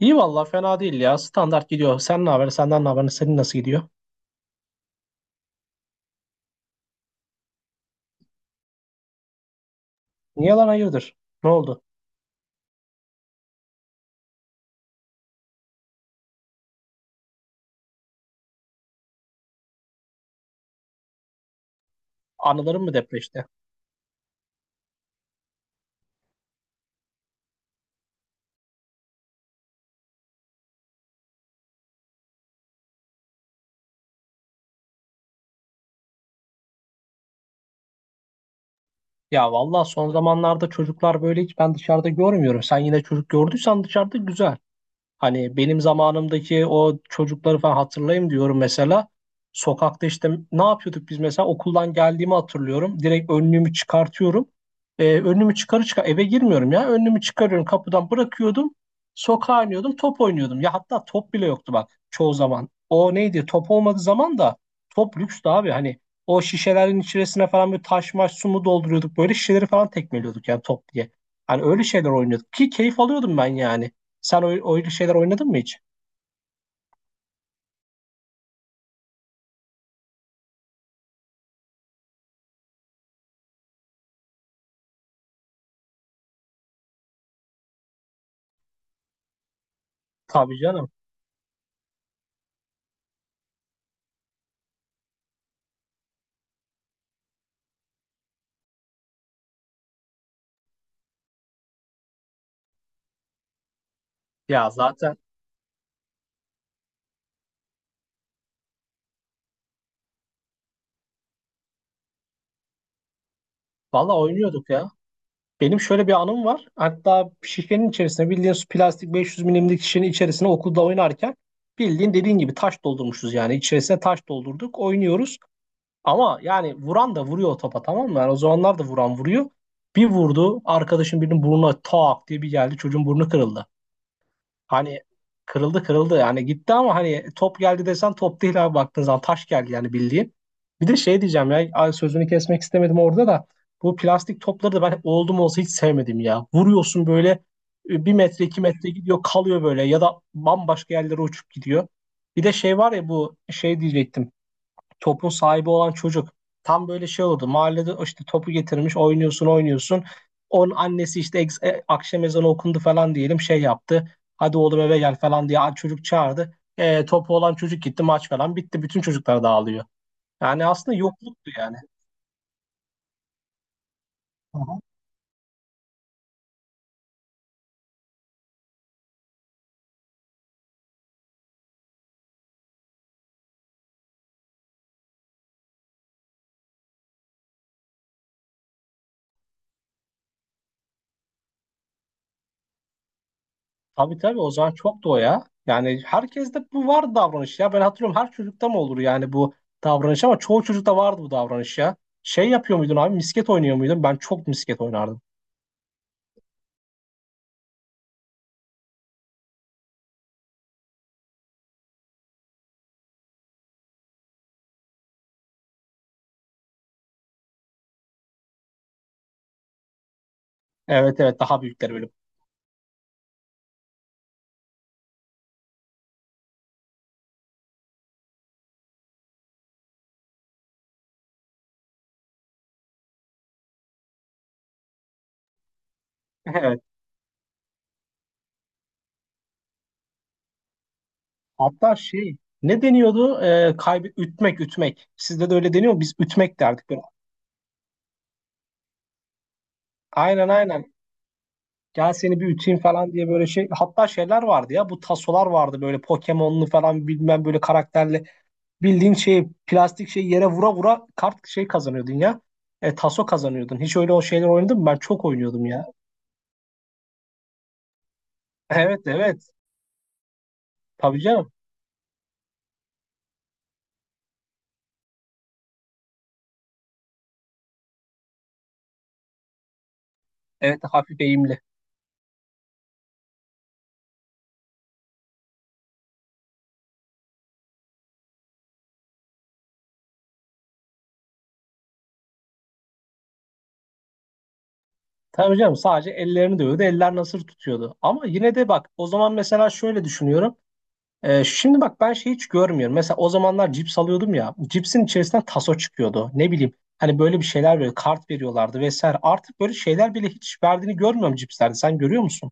İyi valla fena değil ya. Standart gidiyor. Sen ne haber? Senden ne haber? Senin nasıl gidiyor? Niye lan hayırdır? Ne oldu? Anıların mı depreşti? Ya valla son zamanlarda çocuklar böyle hiç ben dışarıda görmüyorum. Sen yine çocuk gördüysen dışarıda güzel. Hani benim zamanımdaki o çocukları falan hatırlayayım diyorum mesela. Sokakta işte ne yapıyorduk biz mesela okuldan geldiğimi hatırlıyorum. Direkt önlüğümü çıkartıyorum. Önlüğümü çıkar eve girmiyorum ya. Önlüğümü çıkarıyorum kapıdan bırakıyordum. Sokağa iniyordum top oynuyordum. Ya hatta top bile yoktu bak çoğu zaman. O neydi top olmadığı zaman da top lükstü abi. Hani o şişelerin içerisine falan böyle taş maş su mu dolduruyorduk. Böyle şişeleri falan tekmeliyorduk yani top diye. Hani öyle şeyler oynuyorduk ki keyif alıyordum ben yani. Sen oyun şeyler oynadın mı hiç? Tabii canım. Ya zaten valla oynuyorduk ya. Benim şöyle bir anım var. Hatta şişenin içerisine bildiğin plastik 500 milimlik şişenin içerisine okulda oynarken bildiğin dediğin gibi taş doldurmuşuz yani. İçerisine taş doldurduk. Oynuyoruz. Ama yani vuran da vuruyor o topa, tamam mı? Yani o zamanlar da vuran vuruyor. Bir vurdu arkadaşın birinin burnuna tak diye bir geldi, çocuğun burnu kırıldı. Hani kırıldı kırıldı yani gitti ama hani top geldi desen top değil abi, baktığın zaman taş geldi yani, bildiğin. Bir de şey diyeceğim ya, ay sözünü kesmek istemedim orada da bu plastik topları da ben oldum olsa hiç sevmedim ya. Vuruyorsun böyle, bir metre iki metre gidiyor kalıyor böyle, ya da bambaşka yerlere uçup gidiyor. Bir de şey var ya, bu şey diyecektim, topun sahibi olan çocuk tam böyle şey oldu. Mahallede işte topu getirmiş, oynuyorsun oynuyorsun. Onun annesi işte akşam ezanı okundu falan diyelim, şey yaptı. Hadi oğlum eve gel falan diye çocuk çağırdı. Topu olan çocuk gitti, maç falan bitti. Bütün çocuklar dağılıyor. Yani aslında yokluktu yani. Hı hı. Tabii tabii o zaman çoktu o ya. Yani herkeste bu vardı davranış ya. Ben hatırlıyorum, her çocukta mı olur yani bu davranış, ama çoğu çocukta vardı bu davranış ya. Şey yapıyor muydun abi, misket oynuyor muydun? Ben çok misket oynardım. Evet evet, daha büyükler böyle. Evet. Hatta şey, ne deniyordu? Kaybı ütmek ütmek. Sizde de öyle deniyor mu? Biz ütmek derdik böyle. Aynen aynen. Gel seni bir üteyim falan diye böyle şey. Hatta şeyler vardı ya, bu tasolar vardı böyle Pokemon'lu falan bilmem böyle karakterli. Bildiğin şey plastik şey yere vura vura kart şey kazanıyordun ya. Taso kazanıyordun. Hiç öyle o şeyler oynadın mı? Ben çok oynuyordum ya. Evet evet. Tabii canım. Evet hafif eğimli. Tabii canım, sadece ellerini dövüyordu. Eller nasır tutuyordu. Ama yine de bak, o zaman mesela şöyle düşünüyorum. Şimdi bak ben şey hiç görmüyorum. Mesela o zamanlar cips alıyordum ya. Cipsin içerisinden taso çıkıyordu. Ne bileyim hani böyle bir şeyler, böyle kart veriyorlardı vesaire. Artık böyle şeyler bile hiç verdiğini görmüyorum cipslerde. Sen görüyor musun?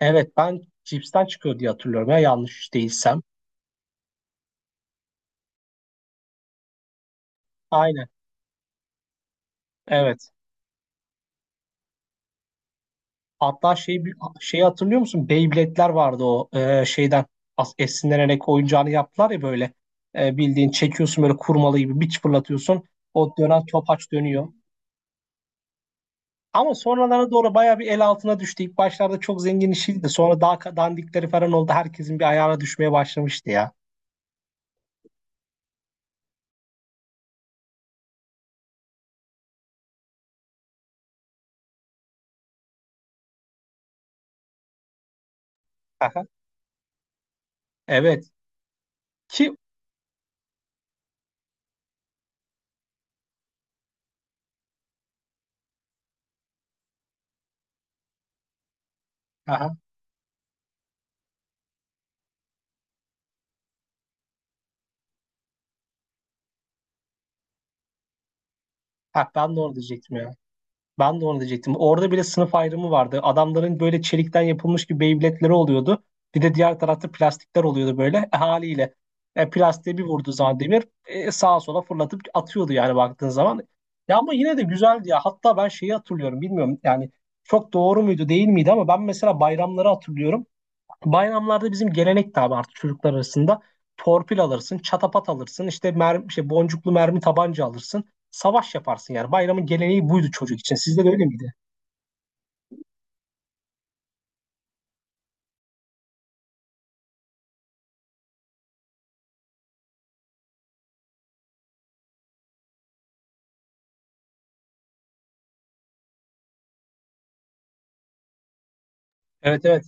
Evet, ben cipsten çıkıyor diye hatırlıyorum ya, yanlış değilsem. Aynen. Evet. Hatta şey, şeyi hatırlıyor musun? Beyblade'ler vardı, o şeyden esinlenerek oyuncağını yaptılar ya böyle. Bildiğin çekiyorsun böyle kurmalı gibi, bir fırlatıyorsun. O dönen topaç dönüyor. Ama sonralara doğru bayağı bir el altına düştü. İlk başlarda çok zengin işiydi. Sonra daha dandikleri falan oldu. Herkesin bir ayağına düşmeye başlamıştı ya. Aha, evet. Ki aha, ha, Ben de onu diyecektim ya. Ben de onu diyecektim. Orada bile sınıf ayrımı vardı. Adamların böyle çelikten yapılmış gibi Beyblade'leri oluyordu. Bir de diğer tarafta plastikler oluyordu böyle, haliyle. Plastiğe bir vurduğu zaman demir sağa sola fırlatıp atıyordu yani, baktığın zaman. Ya ama yine de güzeldi ya. Hatta ben şeyi hatırlıyorum. Bilmiyorum yani, çok doğru muydu değil miydi, ama ben mesela bayramları hatırlıyorum. Bayramlarda bizim gelenek de abi, artık çocuklar arasında torpil alırsın, çatapat alırsın, işte mermi, işte boncuklu mermi tabanca alırsın. Savaş yaparsın yani. Bayramın geleneği buydu çocuk için. Sizde de öyle miydi? Evet evet.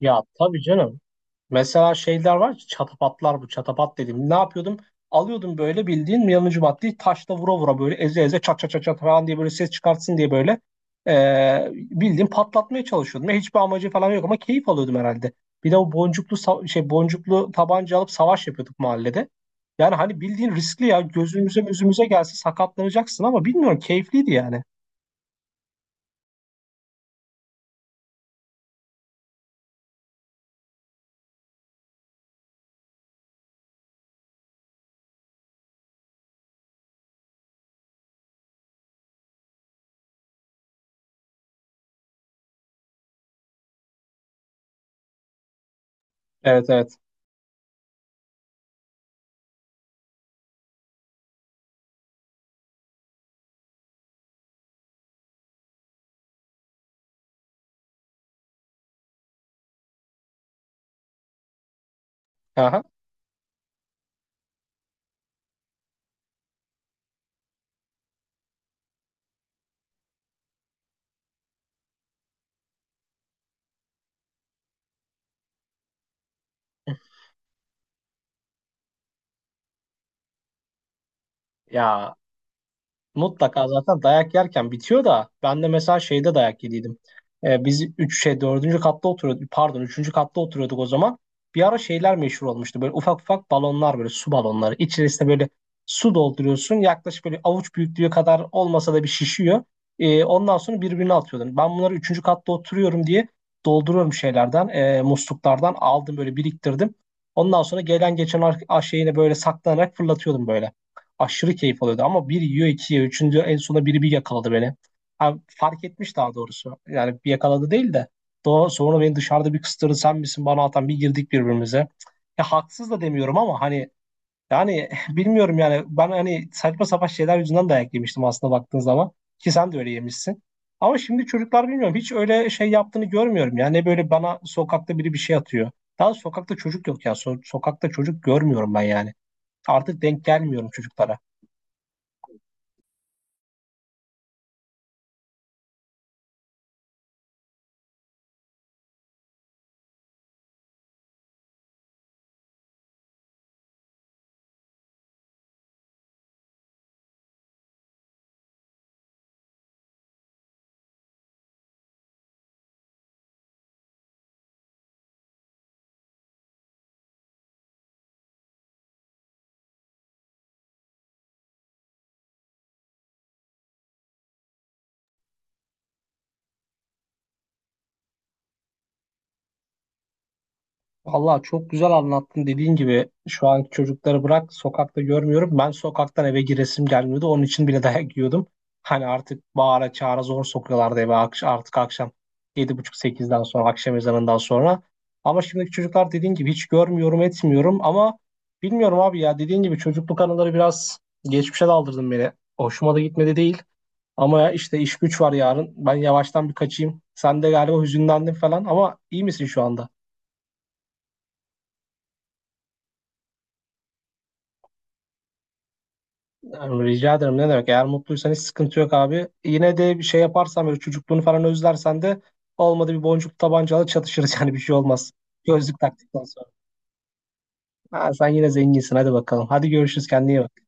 Ya tabii canım. Mesela şeyler var ki çatapatlar, bu çatapat dedim, ne yapıyordum? Alıyordum böyle bildiğin yanıcı maddeyi, taşla vura vura, böyle eze eze çat çat çat çat falan diye, böyle ses çıkartsın diye böyle bildiğin patlatmaya çalışıyordum. Ya, hiçbir amacı falan yok ama keyif alıyordum herhalde. Bir de o boncuklu şey boncuklu tabanca alıp savaş yapıyorduk mahallede. Yani hani bildiğin riskli ya, gözümüze gözümüze gelse sakatlanacaksın ama bilmiyorum, keyifliydi yani. Evet evet. Aha. Ya mutlaka zaten dayak yerken bitiyor da, ben de mesela şeyde dayak yediydim. Biz 3 şey dördüncü katta oturuyorduk, pardon üçüncü katta oturuyorduk o zaman. Bir ara şeyler meşhur olmuştu, böyle ufak ufak balonlar, böyle su balonları. İçerisine böyle su dolduruyorsun, yaklaşık böyle avuç büyüklüğü kadar olmasa da bir şişiyor. Ondan sonra birbirine atıyordun. Ben bunları üçüncü katta oturuyorum diye dolduruyorum şeylerden, musluklardan aldım böyle, biriktirdim. Ondan sonra gelen geçen şeyine böyle saklanarak fırlatıyordum, böyle aşırı keyif alıyordu ama bir yiyor iki yiyor. Üçüncü en sona biri bir yakaladı beni. Ha, fark etmiş daha doğrusu. Yani bir yakaladı değil de. Daha sonra beni dışarıda bir kıstırdı, sen misin bana atan, bir girdik birbirimize. Ya haksız da demiyorum ama hani, yani bilmiyorum yani, ben hani saçma sapan şeyler yüzünden dayak yemiştim aslında, baktığın zaman. Ki sen de öyle yemişsin. Ama şimdi çocuklar bilmiyorum, hiç öyle şey yaptığını görmüyorum. Yani böyle bana sokakta biri bir şey atıyor. Daha sokakta çocuk yok ya. Sokakta çocuk görmüyorum ben yani. Artık denk gelmiyorum çocuklara. Vallahi çok güzel anlattın, dediğin gibi şu anki çocukları bırak, sokakta görmüyorum. Ben sokaktan eve giresim gelmiyordu. Onun için bile dayak yiyordum. Hani artık bağıra çağıra zor sokuyorlardı eve artık akşam yedi buçuk 8'den sonra, akşam ezanından sonra. Ama şimdiki çocuklar dediğin gibi hiç görmüyorum etmiyorum ama bilmiyorum abi ya, dediğin gibi çocukluk anıları biraz geçmişe daldırdın beni. Hoşuma da gitmedi değil ama ya, işte iş güç var yarın, ben yavaştan bir kaçayım. Sen de galiba hüzünlendin falan ama iyi misin şu anda? Tamam, rica ederim, ne demek. Eğer mutluysan hiç sıkıntı yok abi. Yine de bir şey yaparsan, böyle çocukluğunu falan özlersen de, olmadı bir boncuk tabancalı çatışırız yani, bir şey olmaz. Gözlük taktıktan sonra. Ha, sen yine zenginsin, hadi bakalım. Hadi görüşürüz, kendine iyi bak.